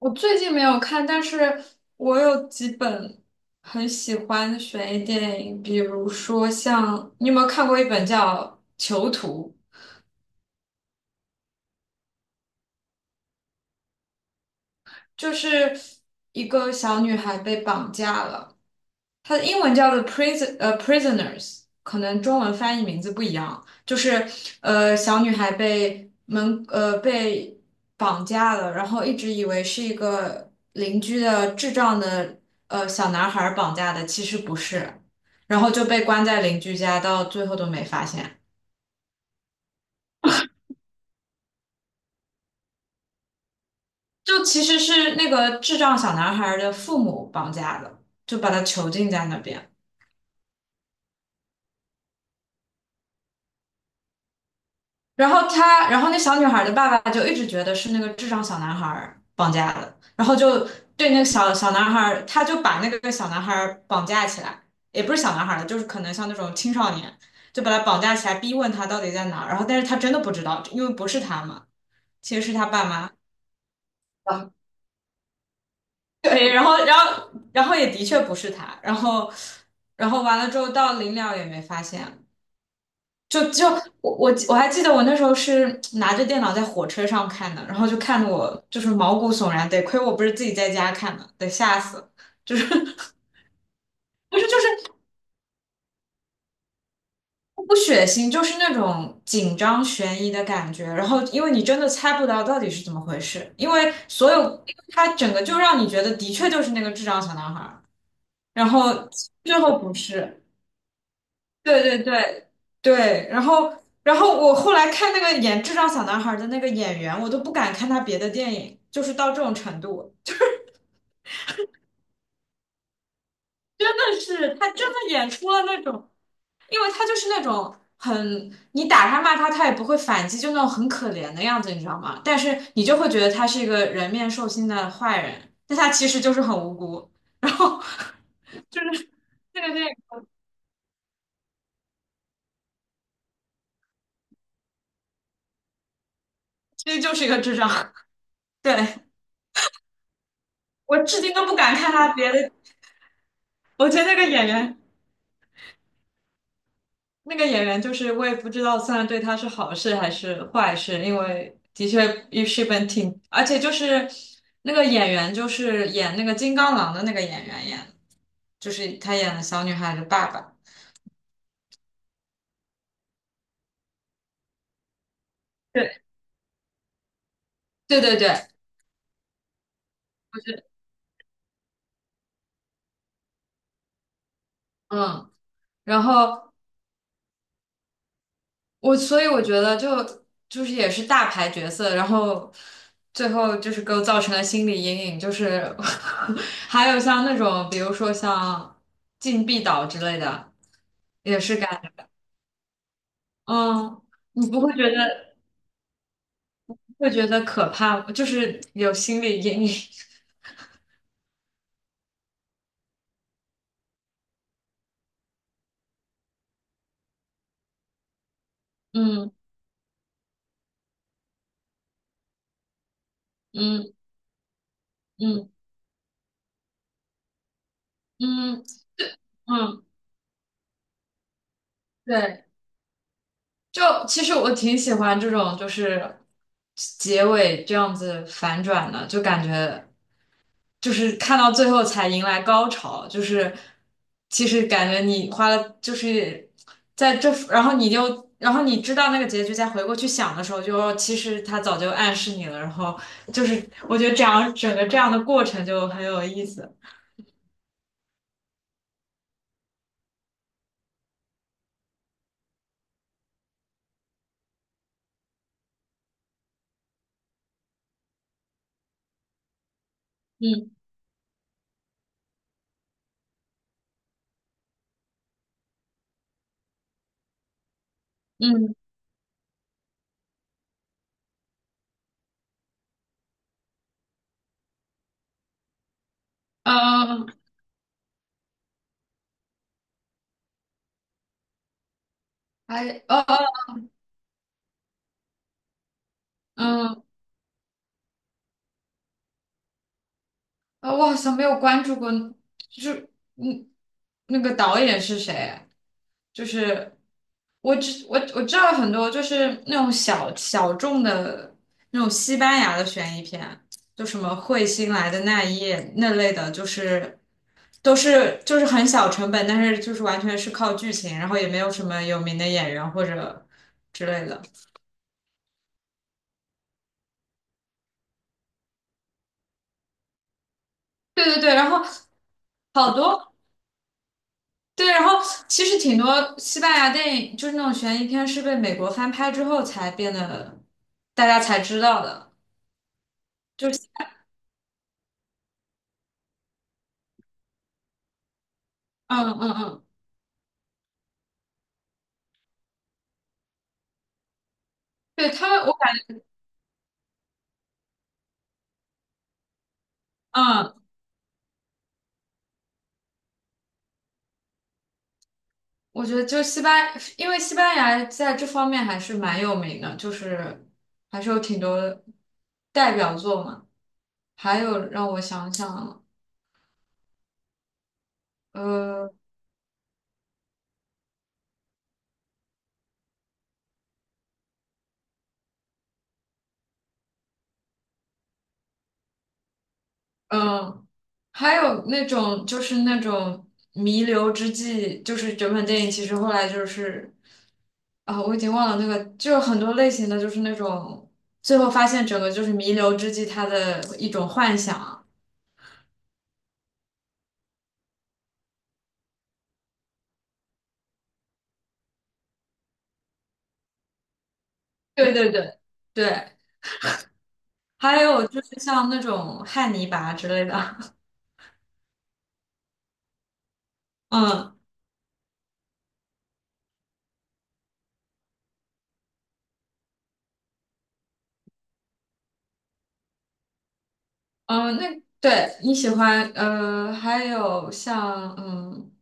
我最近没有看，但是我有几本很喜欢的悬疑电影，比如说像，你有没有看过一本叫《囚徒》，就是一个小女孩被绑架了。它的英文叫做 prison prisoners，可能中文翻译名字不一样，就是小女孩被绑架了，然后一直以为是一个邻居的智障的小男孩绑架的，其实不是，然后就被关在邻居家，到最后都没发现，就其实是那个智障小男孩的父母绑架的，就把他囚禁在那边。然后他，然后那小女孩的爸爸就一直觉得是那个智障小男孩绑架的，然后就对那个小男孩他就把那个小男孩绑架起来，也不是小男孩了，就是可能像那种青少年，就把他绑架起来，逼问他到底在哪儿，然后但是他真的不知道，因为不是他嘛，其实是他爸妈。啊，对，然后，然后也的确不是他，然后，然后完了之后到临了也没发现，就我还记得我那时候是拿着电脑在火车上看的，然后就看得我就是毛骨悚然，得亏我不是自己在家看的，得吓死了就是。 不是，就是不血腥，就是那种紧张悬疑的感觉。然后因为你真的猜不到到底是怎么回事，因为它整个就让你觉得的确就是那个智障小男孩儿，然后最后不是。对，对，对，对，然后然后我后来看那个演《智障小男孩》的那个演员，我都不敢看他别的电影，就是到这种程度。真的是他真的演出了那种，因为他就是那种很你打他骂他，他也不会反击，就那种很可怜的样子，你知道吗？但是你就会觉得他是一个人面兽心的坏人，但他其实就是很无辜。然后就是那个电影其实就是一个智障。对，我至今都不敢看他别的，我觉得那个演员。那个演员就是我也不知道算对他是好事还是坏事，因为的确也是本挺，而且就是那个演员就是演那个金刚狼的那个演员演的，就是他演了小女孩的爸爸。对，对，对，对，嗯，然后我所以我觉得就就是也是大牌角色，然后最后就是给我造成了心理阴影，就是。 还有像那种比如说像禁闭岛之类的，也是感。嗯，你不会觉得会觉得可怕，就是有心理阴影。嗯嗯嗯嗯嗯，对，就其实我挺喜欢这种就是结尾这样子反转的，就感觉。就是看到最后才迎来高潮，就是其实感觉你花了就是在这，然后你就然后你知道那个结局，再回过去想的时候就，其实他早就暗示你了，然后就是我觉得这样整个这样的过程就很有意思。嗯，嗯，呃，还，哦，嗯，啊，我好像没有关注过，就是嗯，那个导演是谁？就是我只我知道很多，就是那种小小众的那种西班牙的悬疑片，就什么彗星来的那一夜那类的，就是都是就是很小成本，但是就是完全是靠剧情，然后也没有什么有名的演员或者之类的。对，对，对，然后。好多。对，然后其实挺多西班牙电影，就是那种悬疑片，是被美国翻拍之后才变得大家才知道的。就是，嗯，对他们，我感，嗯，我觉得就西班，因为西班牙在这方面还是蛮有名的，就是还是有挺多代表作嘛。还有让我想想，呃。嗯，还有那种就是那种弥留之际，就是整本电影其实后来就是我已经忘了那个，就是很多类型的，就是那种最后发现整个就是弥留之际他的一种幻想。对，对，对，对，还有就是像那种汉尼拔之类的。嗯，嗯，那对你喜欢还有像嗯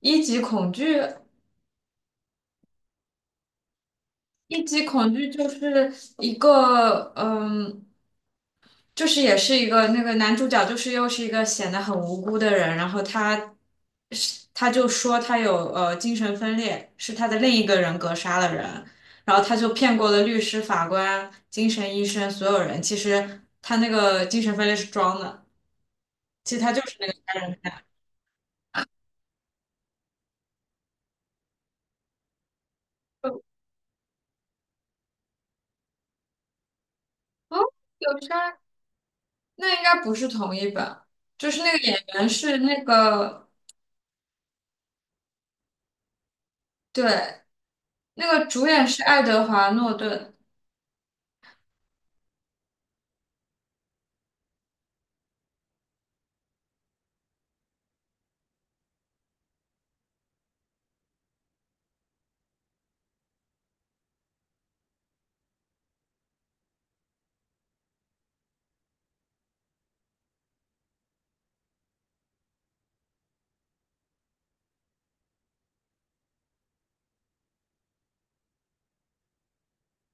一级恐惧。一级恐惧就是一个，嗯，就是也是一个那个男主角，就是又是一个显得很无辜的人，然后他就说他有精神分裂，是他的另一个人格杀了人，然后他就骗过了律师、法官、精神医生所有人，其实他那个精神分裂是装的，其实他就是那个杀人。哦，有杀，那应该不是同一本，就是那个演员是那个，对，那个主演是爱德华诺顿。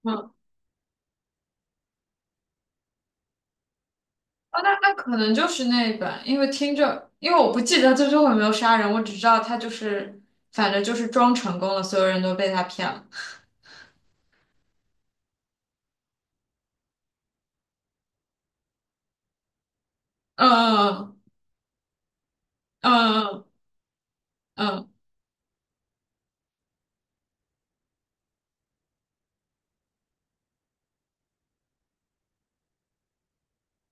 嗯，哦，那那可能就是那一版，因为听着，因为我不记得他最后有没有杀人，我只知道他就是，反正就是装成功了，所有人都被他骗了。嗯嗯嗯嗯，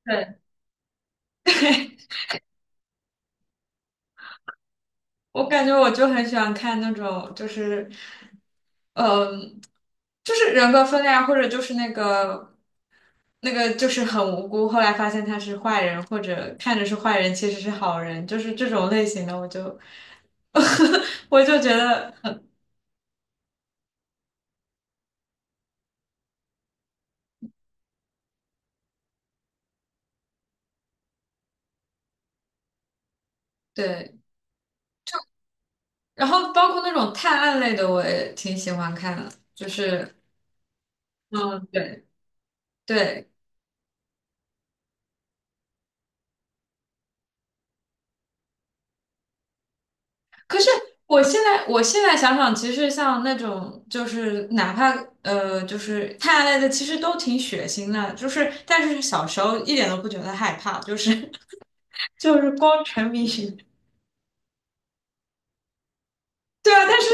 对，我感觉我就很喜欢看那种，就是，嗯。就是人格分裂啊，或者就是那个就是很无辜，后来发现他是坏人，或者看着是坏人，其实是好人，就是这种类型的，我就。 我就觉得对。然后包括那种探案类的，我也挺喜欢看的，就是嗯，对，对。可是我现在想想，其实像那种就是哪怕就是探案类的，其实都挺血腥的，就是但是小时候一点都不觉得害怕，就是。就是光沉迷于。对啊，但是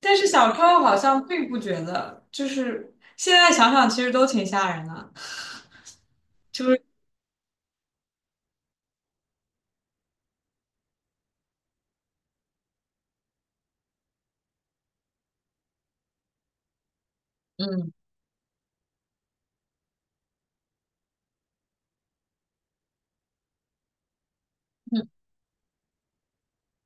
但是小时候好像并不觉得，就是现在想想其实都挺吓人的，就是嗯，嗯，